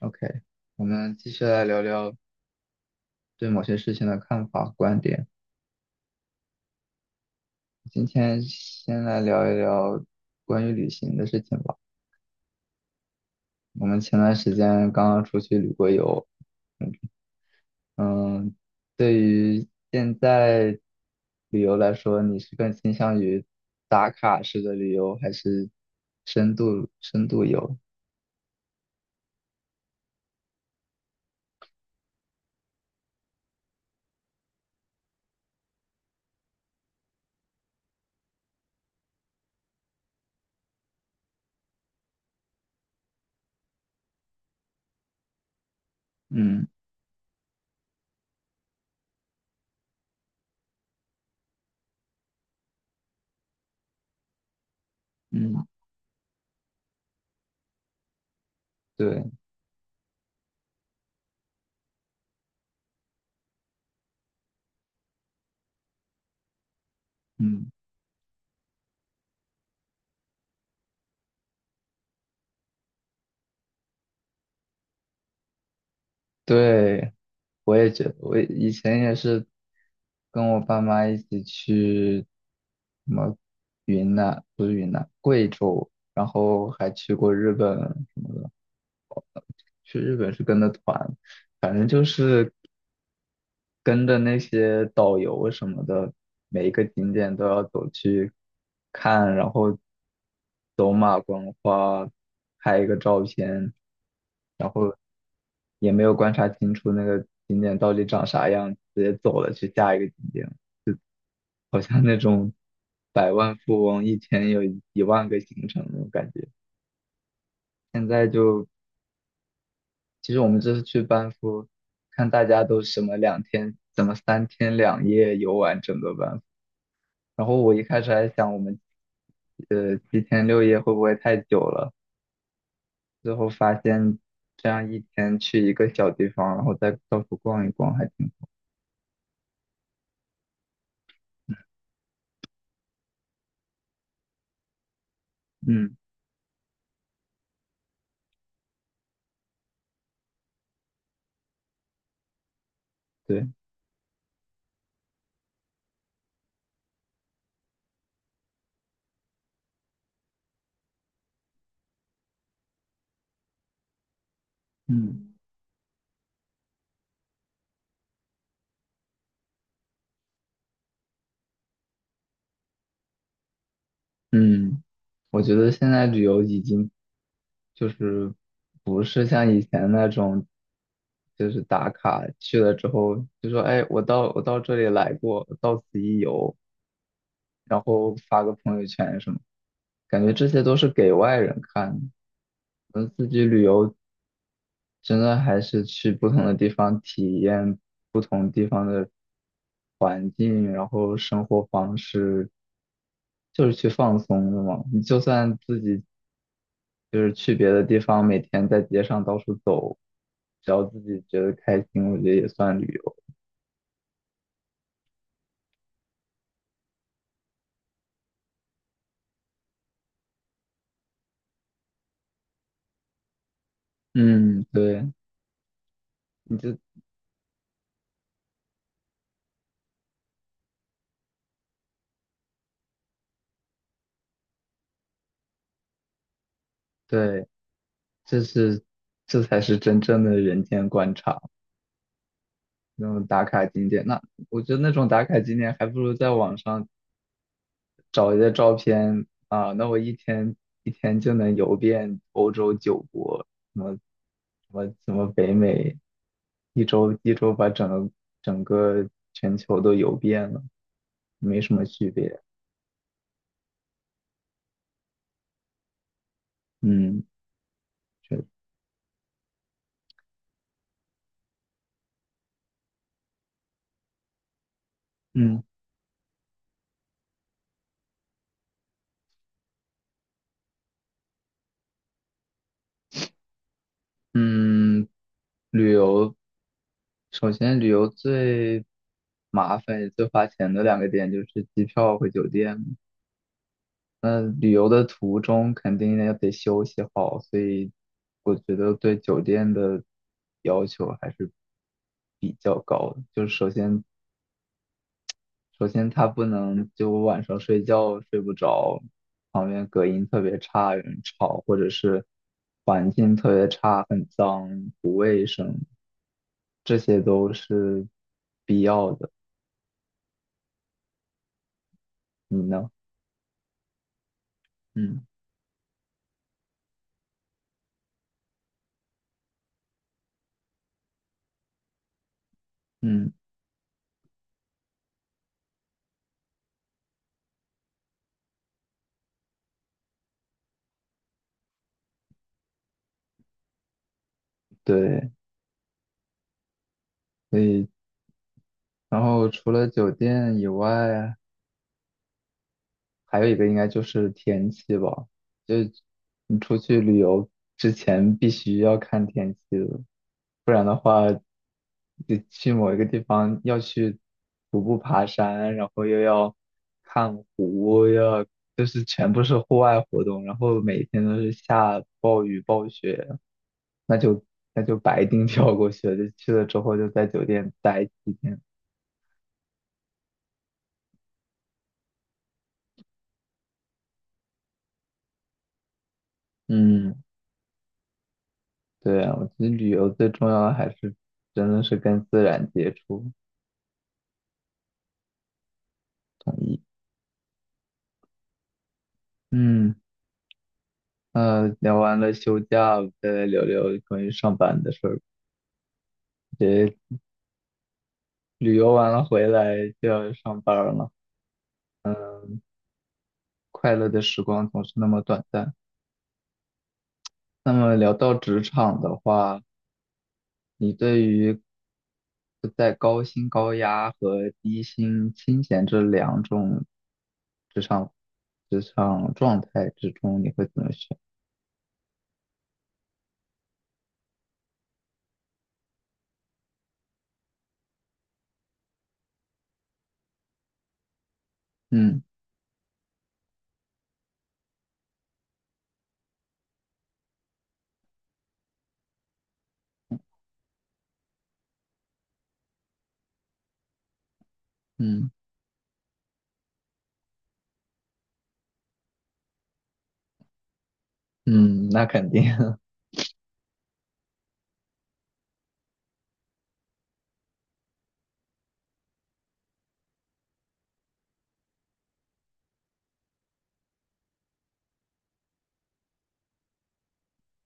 OK，我们继续来聊聊对某些事情的看法、观点。今天先来聊一聊关于旅行的事情吧。我们前段时间刚刚出去旅过游，嗯，嗯对于现在旅游来说，你是更倾向于打卡式的旅游，还是深度游？嗯嗯，对，嗯。对，我也觉得，我以前也是跟我爸妈一起去什么云南，不是云南，贵州，然后还去过日本，去日本是跟着团，反正就是跟着那些导游什么的，每一个景点都要走去看，然后走马观花，拍一个照片，也没有观察清楚那个景点到底长啥样，直接走了去下一个景点，好像那种百万富翁一天有一万个行程那种感觉。现在就，其实我们这次去班夫，看大家都什么2天，怎么3天2夜游完整个班夫。然后我一开始还想我们，7天6夜会不会太久了？最后发现这样一天去一个小地方，然后再到处逛一逛，还挺，嗯，对，嗯。嗯，我觉得现在旅游已经就是不是像以前那种，就是打卡去了之后就说，哎，我到这里来过，到此一游，然后发个朋友圈什么，感觉这些都是给外人看的。我们自己旅游真的还是去不同的地方体验不同。环境，然后生活方式，就是去放松的嘛。你就算自己就是去别的地方，每天在街上到处走，只要自己觉得开心，我觉得也算旅游。嗯，对，你就对，这是这才是真正的人间观察，那种打卡景点。那我觉得那种打卡景点还不如在网上找一些照片啊，那我一天就能游遍欧洲九国，什么什什么北美，一周把整个全球都游遍了，没什么区别。嗯，确实嗯嗯，旅游首先旅游最麻烦也最花钱的两个点就是机票和酒店。那旅游的途中肯定也得休息好，所以我觉得对酒店的要求还是比较高的。就是首先，它不能就我晚上睡觉睡不着，旁边隔音特别差，有人吵，或者是环境特别差，很脏，不卫生，这些都是必要的。你呢？嗯嗯，对，所以然后除了酒店以外。还有一个应该就是天气吧，就你出去旅游之前必须要看天气的。你去某一个地方要去徒步爬山，然后又要看湖，又要就是全部是户外活动，然后每天都是下暴雨暴雪，那就那就白丁跳过去了。就去了之后就在酒店待几天。嗯，对啊，我觉得旅游最重要的还是真的是跟自然接触，同意。嗯。聊完了休假，再来聊聊关于上班的事儿。这旅游完了回来就要上班儿了，快乐的时光总是那么短暂。那么聊到职场的话，你对于在高薪高压和低薪清闲这两种职场职场状态之中，你会怎么选？嗯嗯嗯，那肯定，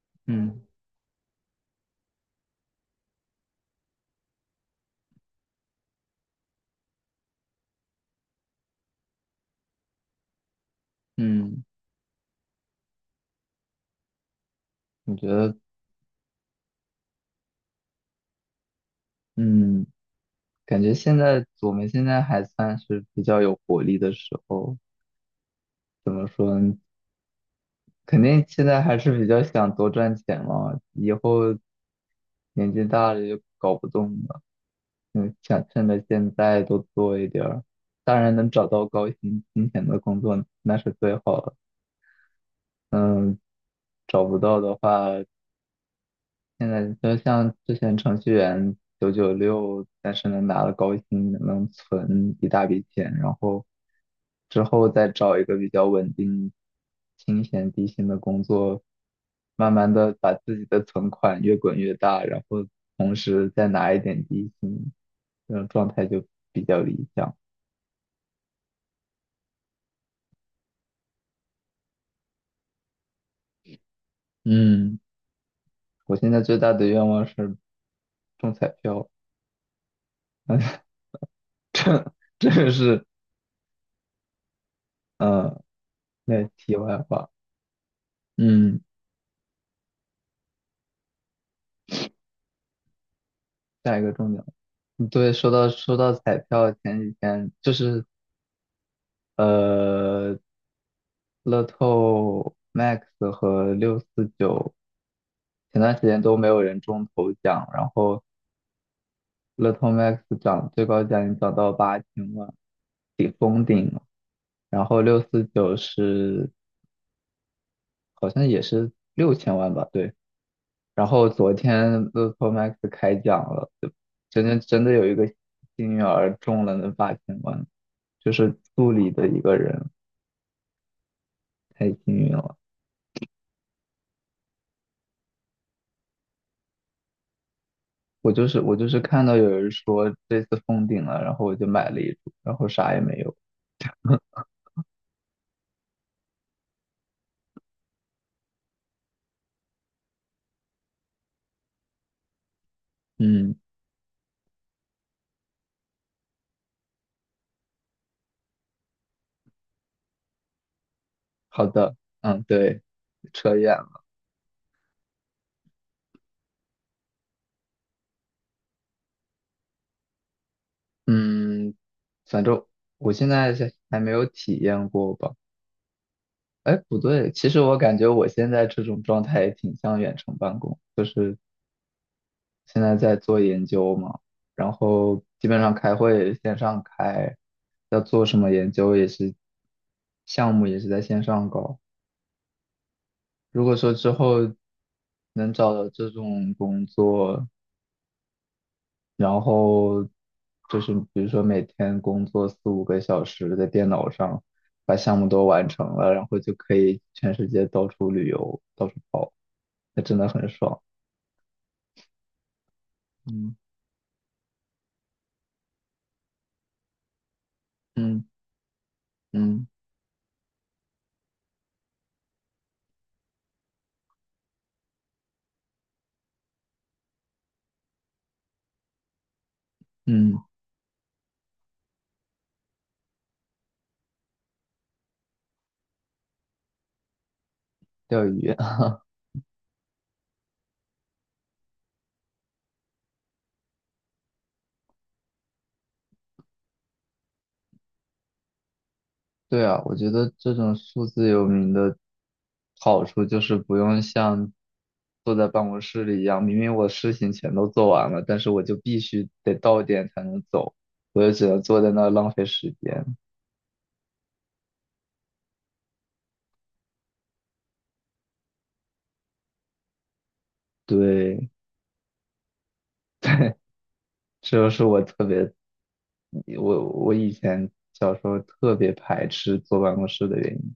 嗯嗯，我觉得。嗯，感觉现在我们现在还算是比较有活力的时候，怎么说呢？肯定现在还是比较想多赚钱嘛，以后年纪大了就搞不动了，嗯，想趁着现在多做一点儿。当然能找到高薪金钱的工作那是最好了，嗯，找不到的话。现在就像之前程序员996，但是能拿了高薪，能存一大笔钱，然后之后再找一个比较稳定、清闲低薪的工作，慢慢的把自己的存款越滚越大，然后同时再拿一点低薪，这种状态就比较理想。嗯，我现在最大的愿望是中彩票，这个是嗯，那题外话，嗯，下一个重点。对，说到彩票，前几天就是呃，乐透 Max 和六四九，前段时间都没有人中头奖，然后乐透 Max 涨最高奖已经涨到八千万，顶封顶了，然后六四九是好像也是6000万吧，对，然后昨天乐透 Max 开奖了，就真的有一个幸运儿中了那八千万，就是助理的一个人。太幸运了。我就是看到有人说这次封顶了，然后我就买了一株，然后啥也没有。嗯，好的，嗯，对，扯远了。嗯，反正我现在是还没有体验过吧。哎，不对，其实我感觉我现在这种状态也挺像远程办公，就是现在在做研究嘛，然后基本上开会线上开，要做什么研究也是，项目也是在线上搞。如果说之后能找到这种工作，然后就是比如说每天工作四五个小时在电脑上，把项目都完成了，然后就可以全世界到处旅游，到处跑，那真的很爽。嗯嗯嗯嗯，钓鱼。对啊，我觉得这种数字游民的好处就是不用像坐在办公室里一样，明明我事情全都做完了，但是我就必须得到点才能走，我就只能坐在那儿浪费时间。对，这就是我特别，我以前小时候特别排斥坐办公室的原因。